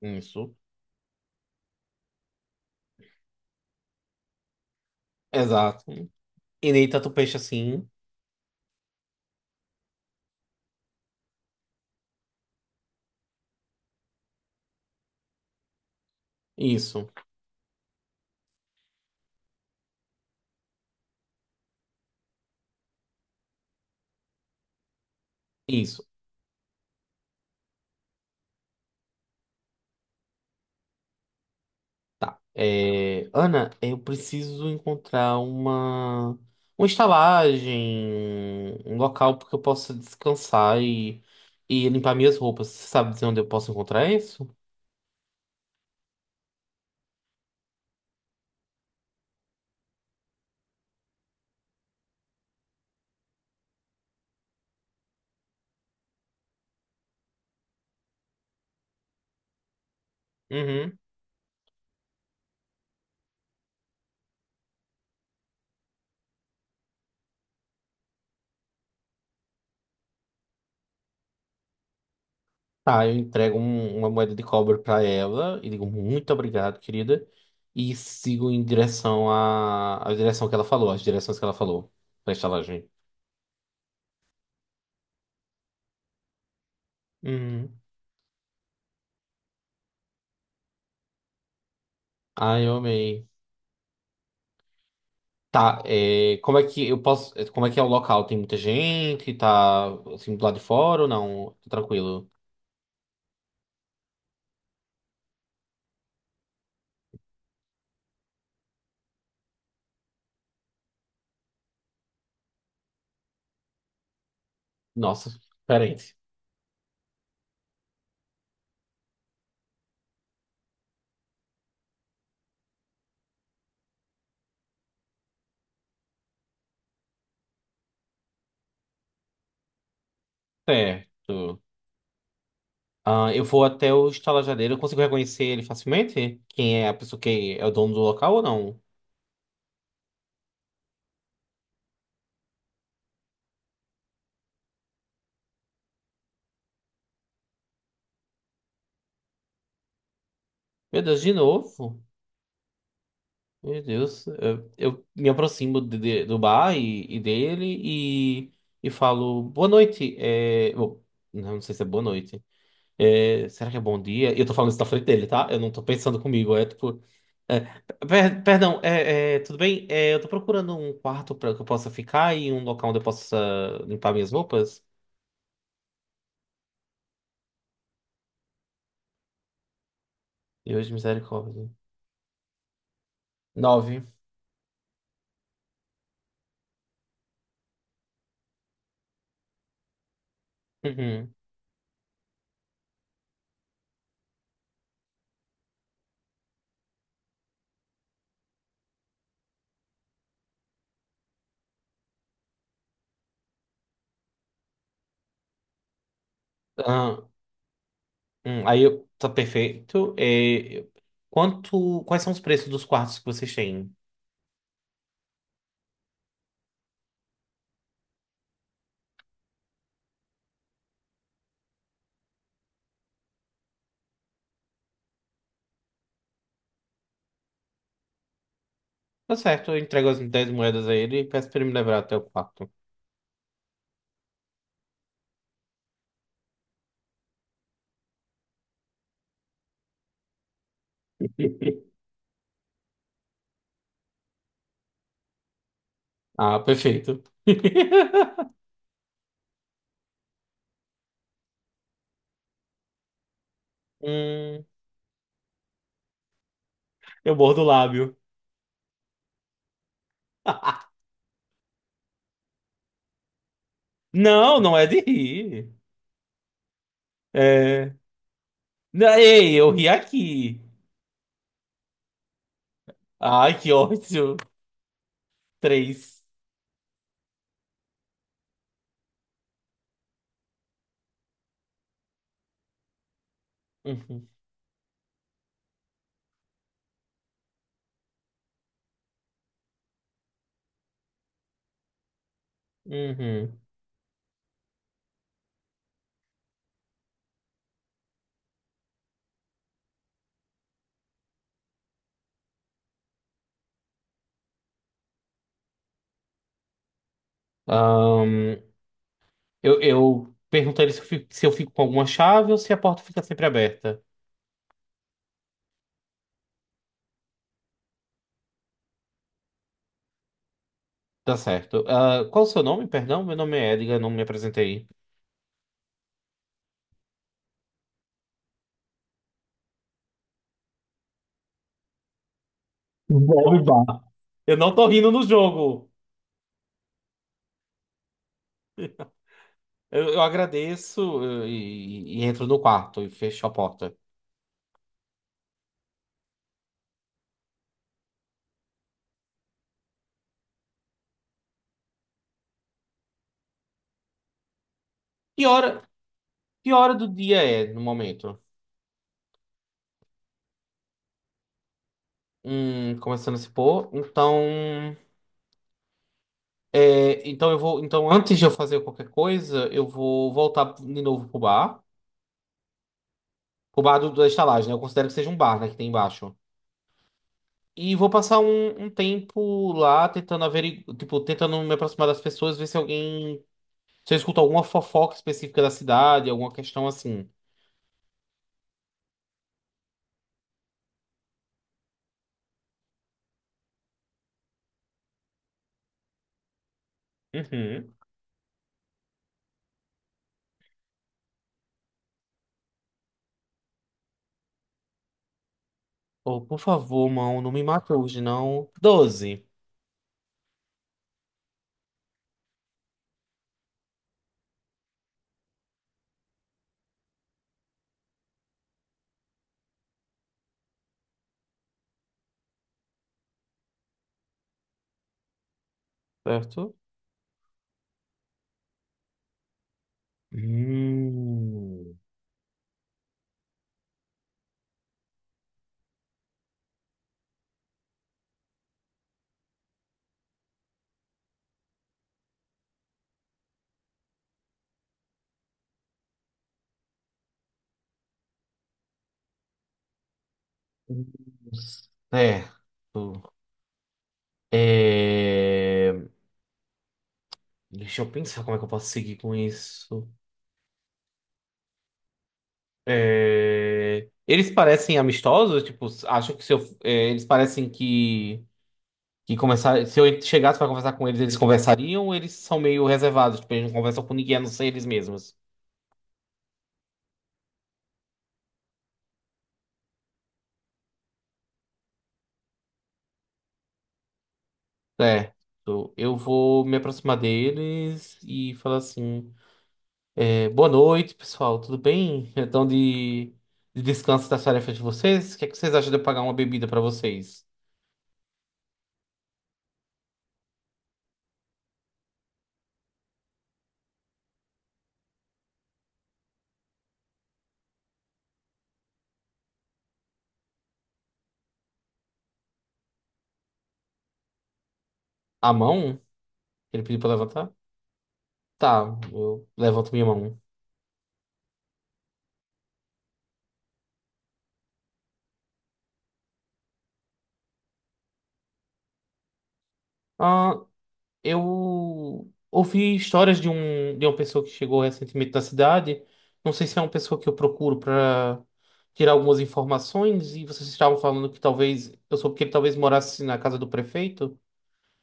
Isso. Exato. E nem tanto peixe assim. Isso. Isso. É, Ana, eu preciso encontrar uma estalagem, um local porque eu possa descansar e limpar minhas roupas. Você sabe dizer onde eu posso encontrar isso? Uhum. Tá, eu entrego uma moeda de cobre pra ela e digo muito obrigado, querida. E sigo em direção à direção que ela falou, as direções que ela falou pra estalagem. Uhum. Ai, eu amei. Tá, é, como é que eu posso. É, como é que é o local? Tem muita gente? Tá assim do lado de fora ou não? Tá tranquilo. Nossa, diferente. Certo. Ah, eu vou até o estalajadeiro. Eu consigo reconhecer ele facilmente? Quem é a pessoa que é o dono do local ou não? Meu Deus, de novo? Meu Deus. Eu me aproximo do bar e dele e falo boa noite. É, bom, não sei se é boa noite. É, será que é bom dia? Eu tô falando isso na frente dele, tá? Eu não tô pensando comigo. É tipo. É, perdão, tudo bem? É, eu tô procurando um quarto pra que eu possa ficar e um local onde eu possa limpar minhas roupas. E hoje, misericórdia. Nove. Uhum. Ah, aí eu. Tá perfeito. É, quanto. Quais são os preços dos quartos que vocês têm? Tá certo, eu entrego as 10 moedas a ele e peço pra ele me levar até o quarto. Ah, perfeito. Hum, eu mordo o lábio. Não, não é de rir. É. Não, ei, eu ri aqui. Ai, que ódio. Três. Uhum. Uhum. Ahn, eu perguntaria se eu fico com alguma chave ou se a porta fica sempre aberta. Tá certo. Ah, qual o seu nome? Perdão, meu nome é Edgar, não me apresentei. Bob Barr. Eu não tô rindo no jogo. Eu agradeço e entro no quarto e fecho a porta. Que hora, que hora do dia é no momento? Começando a se pôr. Então eu vou. Então, antes de eu fazer qualquer coisa, eu vou voltar de novo pro bar. Pro bar do, da estalagem, né? Eu considero que seja um bar, né? Que tem embaixo. E vou passar um tempo lá tentando averiguar, tipo, tentando me aproximar das pessoas, ver se alguém. Se eu escuto alguma fofoca específica da cidade, alguma questão assim. Uhum. Oh, por favor, mão, não me mata hoje, não. 12. Certo? Hum. Certo. É, deixa eu pensar como é que eu posso seguir com isso. É, eles parecem amistosos, tipo, acho que se eu, eles parecem que conversar se eu chegasse pra conversar com eles, eles conversariam, ou eles são meio reservados, tipo, eles não conversam com ninguém, a não ser eles mesmos. Certo. Eu vou me aproximar deles e falar assim: Boa noite, pessoal, tudo bem? Então de descanso das tarefas de vocês, o que é que vocês acham de eu pagar uma bebida pra vocês? À mão? Ele pediu pra levantar? Tá, eu levanto minha mão. Ah, eu ouvi histórias de um de uma pessoa que chegou recentemente na cidade. Não sei se é uma pessoa que eu procuro para tirar algumas informações e vocês estavam falando que talvez eu soube que ele talvez morasse na casa do prefeito.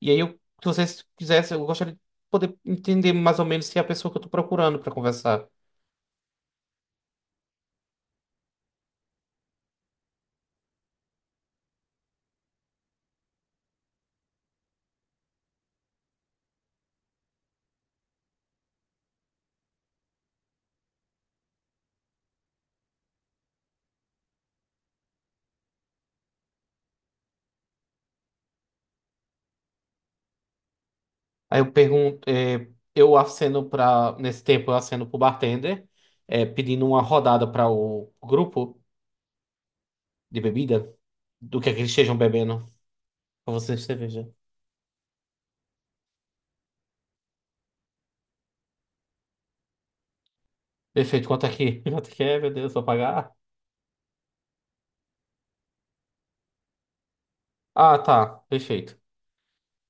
E aí eu se vocês quisessem, eu gostaria de poder entender mais ou menos se é a pessoa que eu tô procurando para conversar. Aí eu pergunto, eu aceno para nesse tempo eu aceno pro bartender, pedindo uma rodada para o grupo. De bebida? Do que é que eles estejam bebendo? Pra você de cerveja. Perfeito, quanto é que, quanto é que é, meu Deus, vou pagar? Ah, tá, perfeito.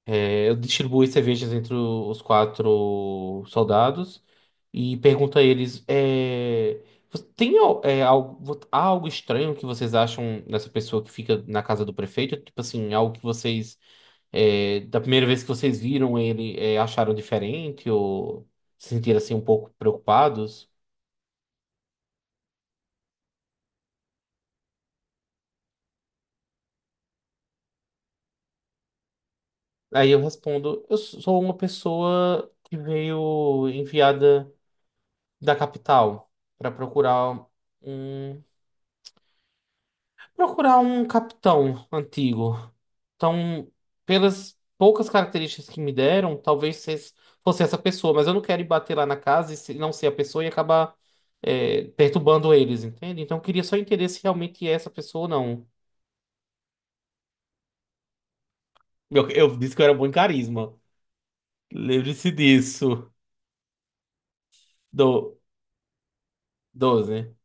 É, eu distribuo as cervejas entre os quatro soldados e pergunto a eles: é, você tem al- é, algo, vo- Há algo estranho que vocês acham nessa pessoa que fica na casa do prefeito? Tipo assim, algo que vocês, da primeira vez que vocês viram ele, acharam diferente ou se sentiram assim um pouco preocupados? Aí eu respondo: Eu sou uma pessoa que veio enviada da capital para procurar um um capitão antigo. Então, pelas poucas características que me deram, talvez vocês fosse essa pessoa, mas eu não quero ir bater lá na casa e não ser a pessoa e acabar perturbando eles, entende? Então, eu queria só entender se realmente é essa pessoa ou não. Eu disse que eu era bom em carisma. Lembre-se disso. Do 12.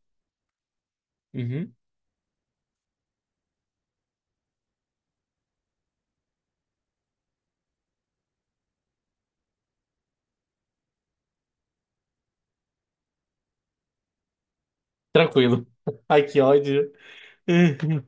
Tranquilo. Ai, que ódio.